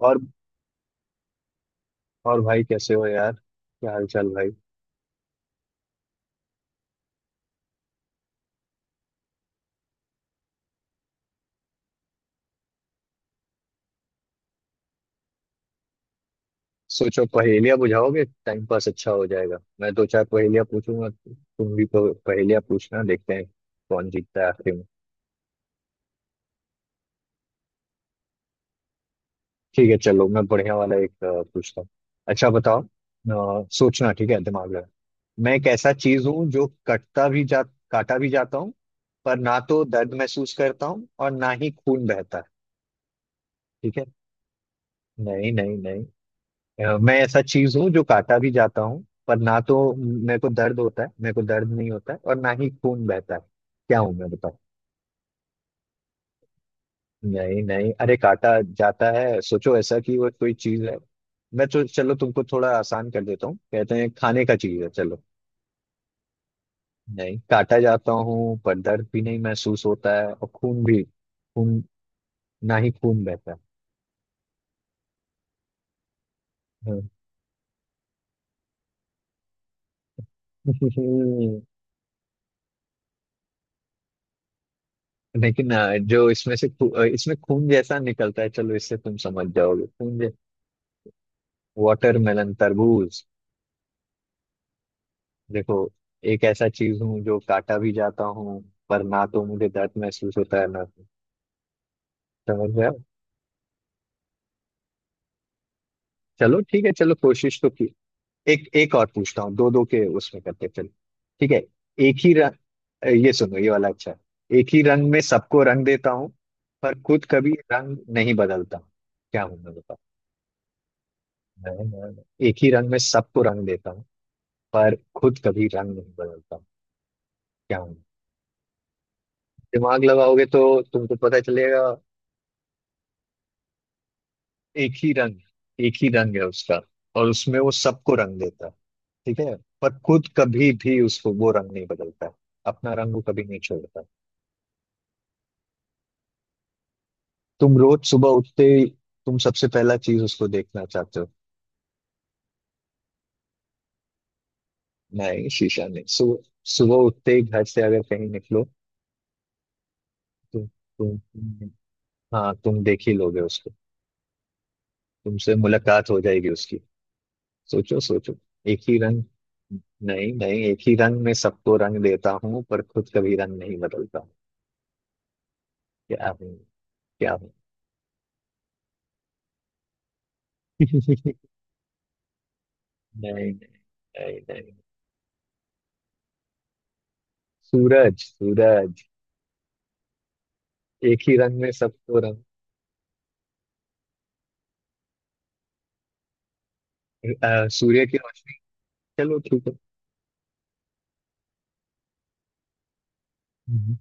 और और भाई कैसे हो यार? क्या हाल चाल भाई? सोचो पहेलियां बुझाओगे, टाइम पास अच्छा हो जाएगा। मैं दो चार पहेलियां पूछूंगा, तुम भी पहेलियां पूछना। देखते हैं कौन जीतता है आखिर में। ठीक है, चलो मैं बढ़िया वाला एक पूछता हूँ। अच्छा बताओ, सोचना, ठीक है? दिमाग लगा। मैं एक ऐसा चीज हूँ जो कटता भी जा काटा भी जाता हूँ, पर ना तो दर्द महसूस करता हूँ और ना ही खून बहता है। ठीक है। नहीं, नहीं, नहीं। मैं ऐसा चीज हूँ जो काटा भी जाता हूँ, पर ना तो मेरे को दर्द नहीं होता है और ना ही खून बहता है। क्या हूँ मैं? बताओ। नहीं नहीं, अरे काटा जाता है, सोचो ऐसा कि वो कोई चीज है। मैं तो, चलो तुमको थोड़ा आसान कर देता हूँ, कहते हैं खाने का चीज है, चलो। नहीं, काटा जाता हूँ पर दर्द भी नहीं महसूस होता है और खून भी खून ना ही खून बहता है। हाँ। लेकिन जो इसमें से इसमें खून जैसा निकलता है, चलो इससे तुम समझ जाओगे। खून। वाटरमेलन, तरबूज। देखो, एक ऐसा चीज हूँ जो काटा भी जाता हूँ, पर ना तो मुझे दर्द महसूस होता है, ना तो। समझ गया। चलो ठीक है, चलो कोशिश तो की। एक एक और पूछता हूँ, दो दो के उसमें करते हैं, चलो, ठीक है। एक ही रंग, ये सुनो, ये वाला अच्छा है। एक ही रंग में सबको रंग देता हूँ, पर खुद कभी रंग नहीं बदलता। क्या हूँ मैं? बताओ। एक ही रंग में सबको रंग देता हूँ, पर खुद कभी रंग नहीं बदलता। क्या हूँ? दिमाग लगाओगे तो तुमको पता चलेगा। एक ही रंग, एक ही रंग है उसका, और उसमें वो सबको रंग देता है। ठीक है। पर खुद कभी भी उसको वो रंग नहीं बदलता है। अपना रंग वो कभी नहीं छोड़ता। तुम रोज सुबह उठते ही, तुम सबसे पहला चीज उसको देखना चाहते हो। नहीं, शीशा नहीं, सुबह। सुबह उठते ही घर से अगर कहीं निकलो। तुम तुम तुम- हाँ, तुम देख ही लोगे उसको। तुमसे मुलाकात हो जाएगी उसकी। सोचो, सोचो। एक ही रंग। नहीं नहीं, एक ही रंग में सबको रंग देता हूँ, पर खुद कभी रंग नहीं बदलता। क्या? क्या बात-? नहीं, नहीं, नहीं, नहीं। सूरज, सूरज। एक ही रंग में सबको रंग। सूर्य की रोशनी। चलो ठीक है। हम्म।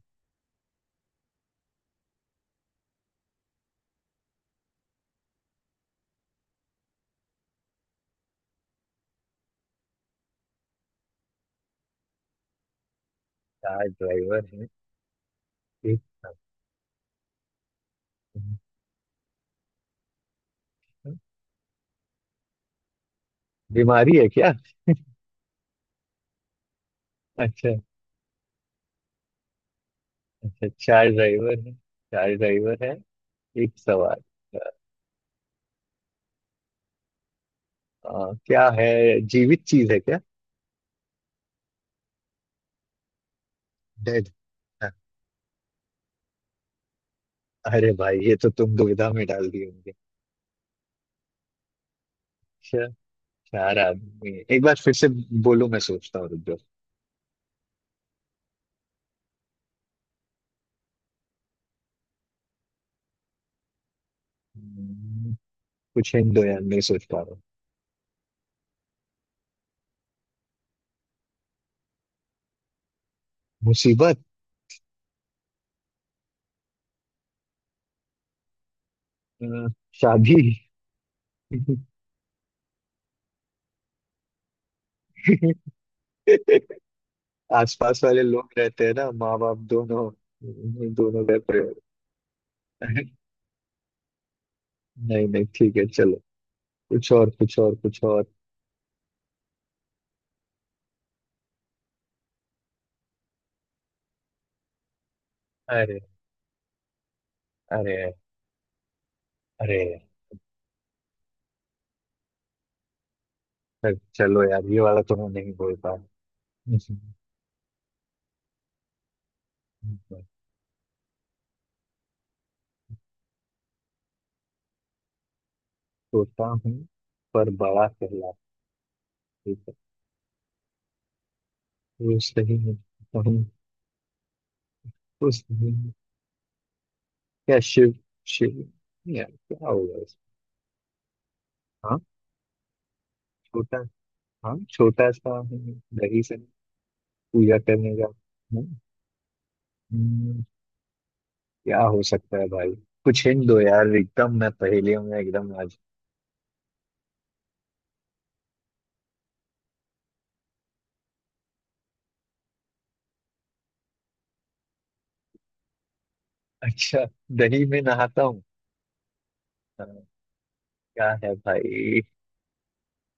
कार ड्राइवर है, एक second का। बीमारी है क्या? अच्छा। अच्छा, चार ड्राइवर है। चार ड्राइवर है, एक सवाल। क्या है? जीवित चीज है क्या? डेड। अरे भाई, ये तो तुम दुविधा में डाल दिए होंगे। अच्छा, चार आदमी एक बार फिर से बोलो, मैं सोचता हूँ, रुक जाओ। कुछ हिंट दो यार, नहीं सोच पा रहा हूँ। मुसीबत। अ, शादी। आसपास वाले लोग रहते हैं ना, माँ बाप दोनों, दोनों गए प्रयोग। नहीं नहीं, ठीक है, चलो कुछ और, कुछ और, कुछ और। अरे अरे! अरे! अरे, चलो यार, ये वाला तो मैं नहीं बोल पा रहा। छोटा हूँ पर बड़ा कहला। ठीक है। वो सही है। हूँ, वो सही है। क्या? शिव? शिव? यार क्या होगा इसमें? हाँ, छोटा, हाँ छोटा सा हम। दही से पूजा करने का। हम्म, हम्म, क्या हो सकता है भाई? कुछ हिंट दो यार, एकदम मैं पहेलियों में एकदम आज। अच्छा। दही में नहाता हूँ। हाँ, क्या है भाई?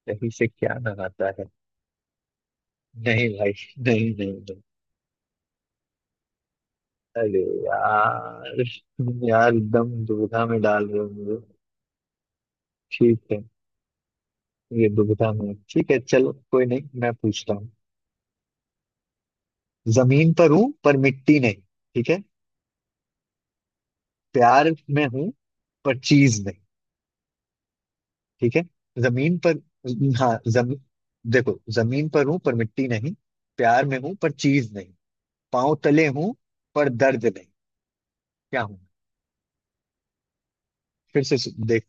दही से क्या नहाता है? नहीं भाई, नहीं, नहीं, नहीं। अरे यार, तुम यार एकदम दुविधा में डाल रहे हो मुझे। ठीक है। ये दुविधा में, ठीक है, चलो कोई नहीं, मैं पूछता हूँ। जमीन पर हूँ पर मिट्टी नहीं। ठीक है। प्यार में हूँ पर चीज नहीं। ठीक है। जमीन पर, हाँ जमी। देखो, जमीन पर हूँ पर मिट्टी नहीं, प्यार में हूँ पर चीज नहीं, पाँव तले हूँ पर दर्द नहीं। क्या हूँ? फिर से देख।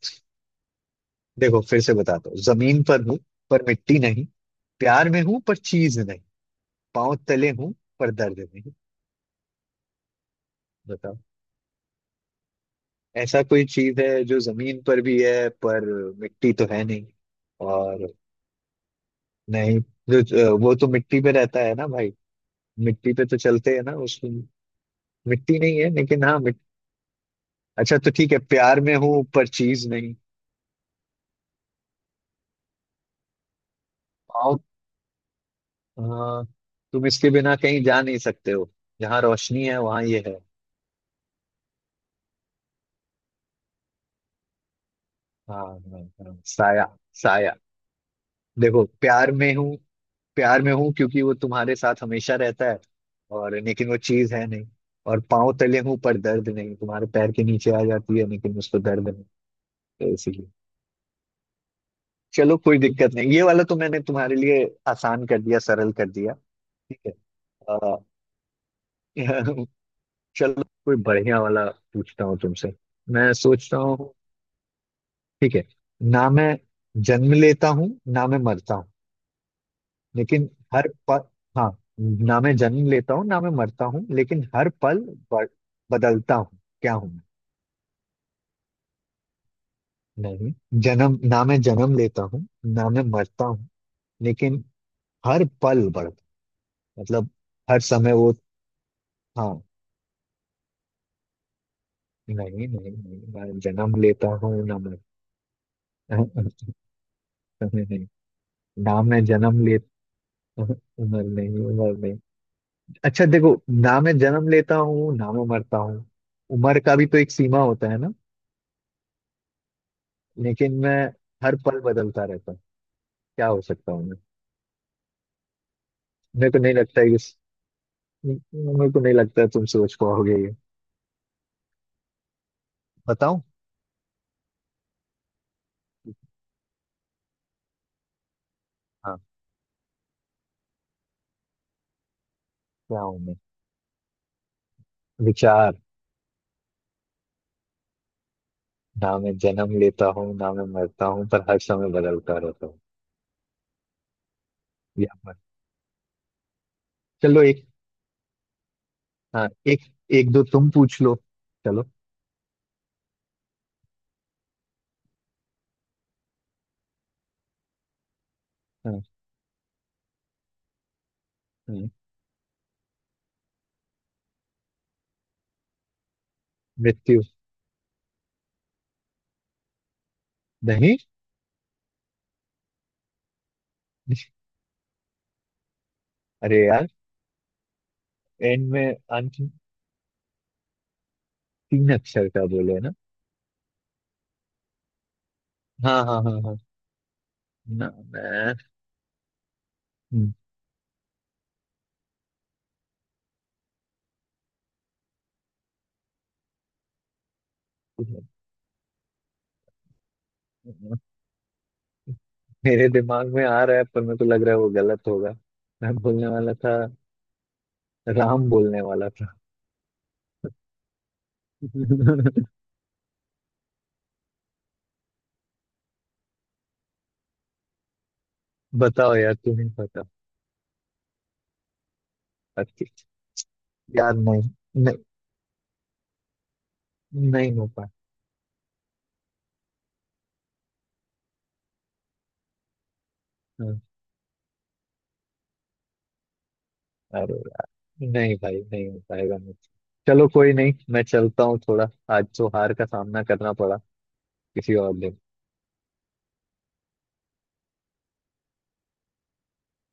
देखो, फिर से बताता हूँ। जमीन पर हूँ पर मिट्टी नहीं, प्यार में हूँ पर चीज नहीं, पाँव तले हूँ पर दर्द नहीं। बताओ। ऐसा कोई चीज है जो जमीन पर भी है, पर मिट्टी तो है नहीं, और... नहीं, जो जो- वो तो मिट्टी पे रहता है ना भाई। मिट्टी पे तो चलते हैं ना उसमें। मिट्टी नहीं है लेकिन, हाँ मिट... अच्छा तो ठीक है, प्यार में हूँ पर चीज नहीं, और... आ, तुम इसके बिना कहीं जा नहीं सकते हो। जहाँ रोशनी है वहां ये है। हाँ हाँ हाँ, साया, साया। देखो, प्यार में हूँ, प्यार में हूँ क्योंकि वो तुम्हारे साथ हमेशा रहता है। और लेकिन वो चीज है नहीं। और पाँव तले हूँ पर दर्द नहीं, तुम्हारे पैर के नीचे आ जाती है लेकिन उसको दर्द नहीं। तो इसीलिए। चलो कोई दिक्कत नहीं, ये वाला तो मैंने तुम्हारे लिए आसान कर दिया, सरल कर दिया। ठीक है। आ, चलो कोई बढ़िया वाला पूछता हूँ तुमसे, मैं सोचता हूँ, ठीक है। ना मैं जन्म लेता हूँ, ना मैं मरता हूँ, लेकिन हर पल... हाँ, ना मैं जन्म लेता हूँ ना मैं मरता हूँ, लेकिन हर पल ब- बदलता हूँ। क्या हूँ मैं? नहीं, जन्म ना मैं जन्म लेता हूँ ना मैं मरता हूँ, लेकिन हर पल बढ़ता, मतलब हर समय वो। हाँ। नहीं नहीं नहीं, मैं जन्म लेता हूँ ना मर, समय। नहीं, ना मैं जन्म लेता, उम्र नहीं, उम्र नहीं। अच्छा देखो, ना मैं जन्म लेता हूँ ना मैं मरता हूँ। उम्र का भी तो एक सीमा होता है ना, लेकिन मैं हर पल बदलता रहता हूँ। क्या हो सकता हूँ मैं? मेरे को नहीं लगता है कि मेरे को नहीं लगता है तुम सोच पाओगे ये। बताऊँ? हाँ। क्या हूँ मैं? विचार। ना मैं जन्म लेता हूँ ना मैं मरता हूँ पर हर समय बदलता रहता हूँ, या पर। चलो एक, हाँ एक, एक दो तुम पूछ लो, चलो। हाँ हाँ, मृत्यु, नहीं। अरे यार, एंड में अंत? तीन अक्षर का बोले ना? हाँ हाँ हाँ हाँ, ना मैं हम्म, मेरे दिमाग में आ रहा है पर मेरे को लग रहा है वो गलत होगा। मैं बोलने वाला था, राम बोलने वाला था। बताओ यार, तुम्हें पता। अच्छी, यार नहीं, नहीं। नहीं हो पाया। हाँ, अरे यार, नहीं भाई, नहीं हो पाएगा मुझसे। चलो कोई नहीं, मैं चलता हूँ थोड़ा। आज तो हार का सामना करना पड़ा, किसी और दिन।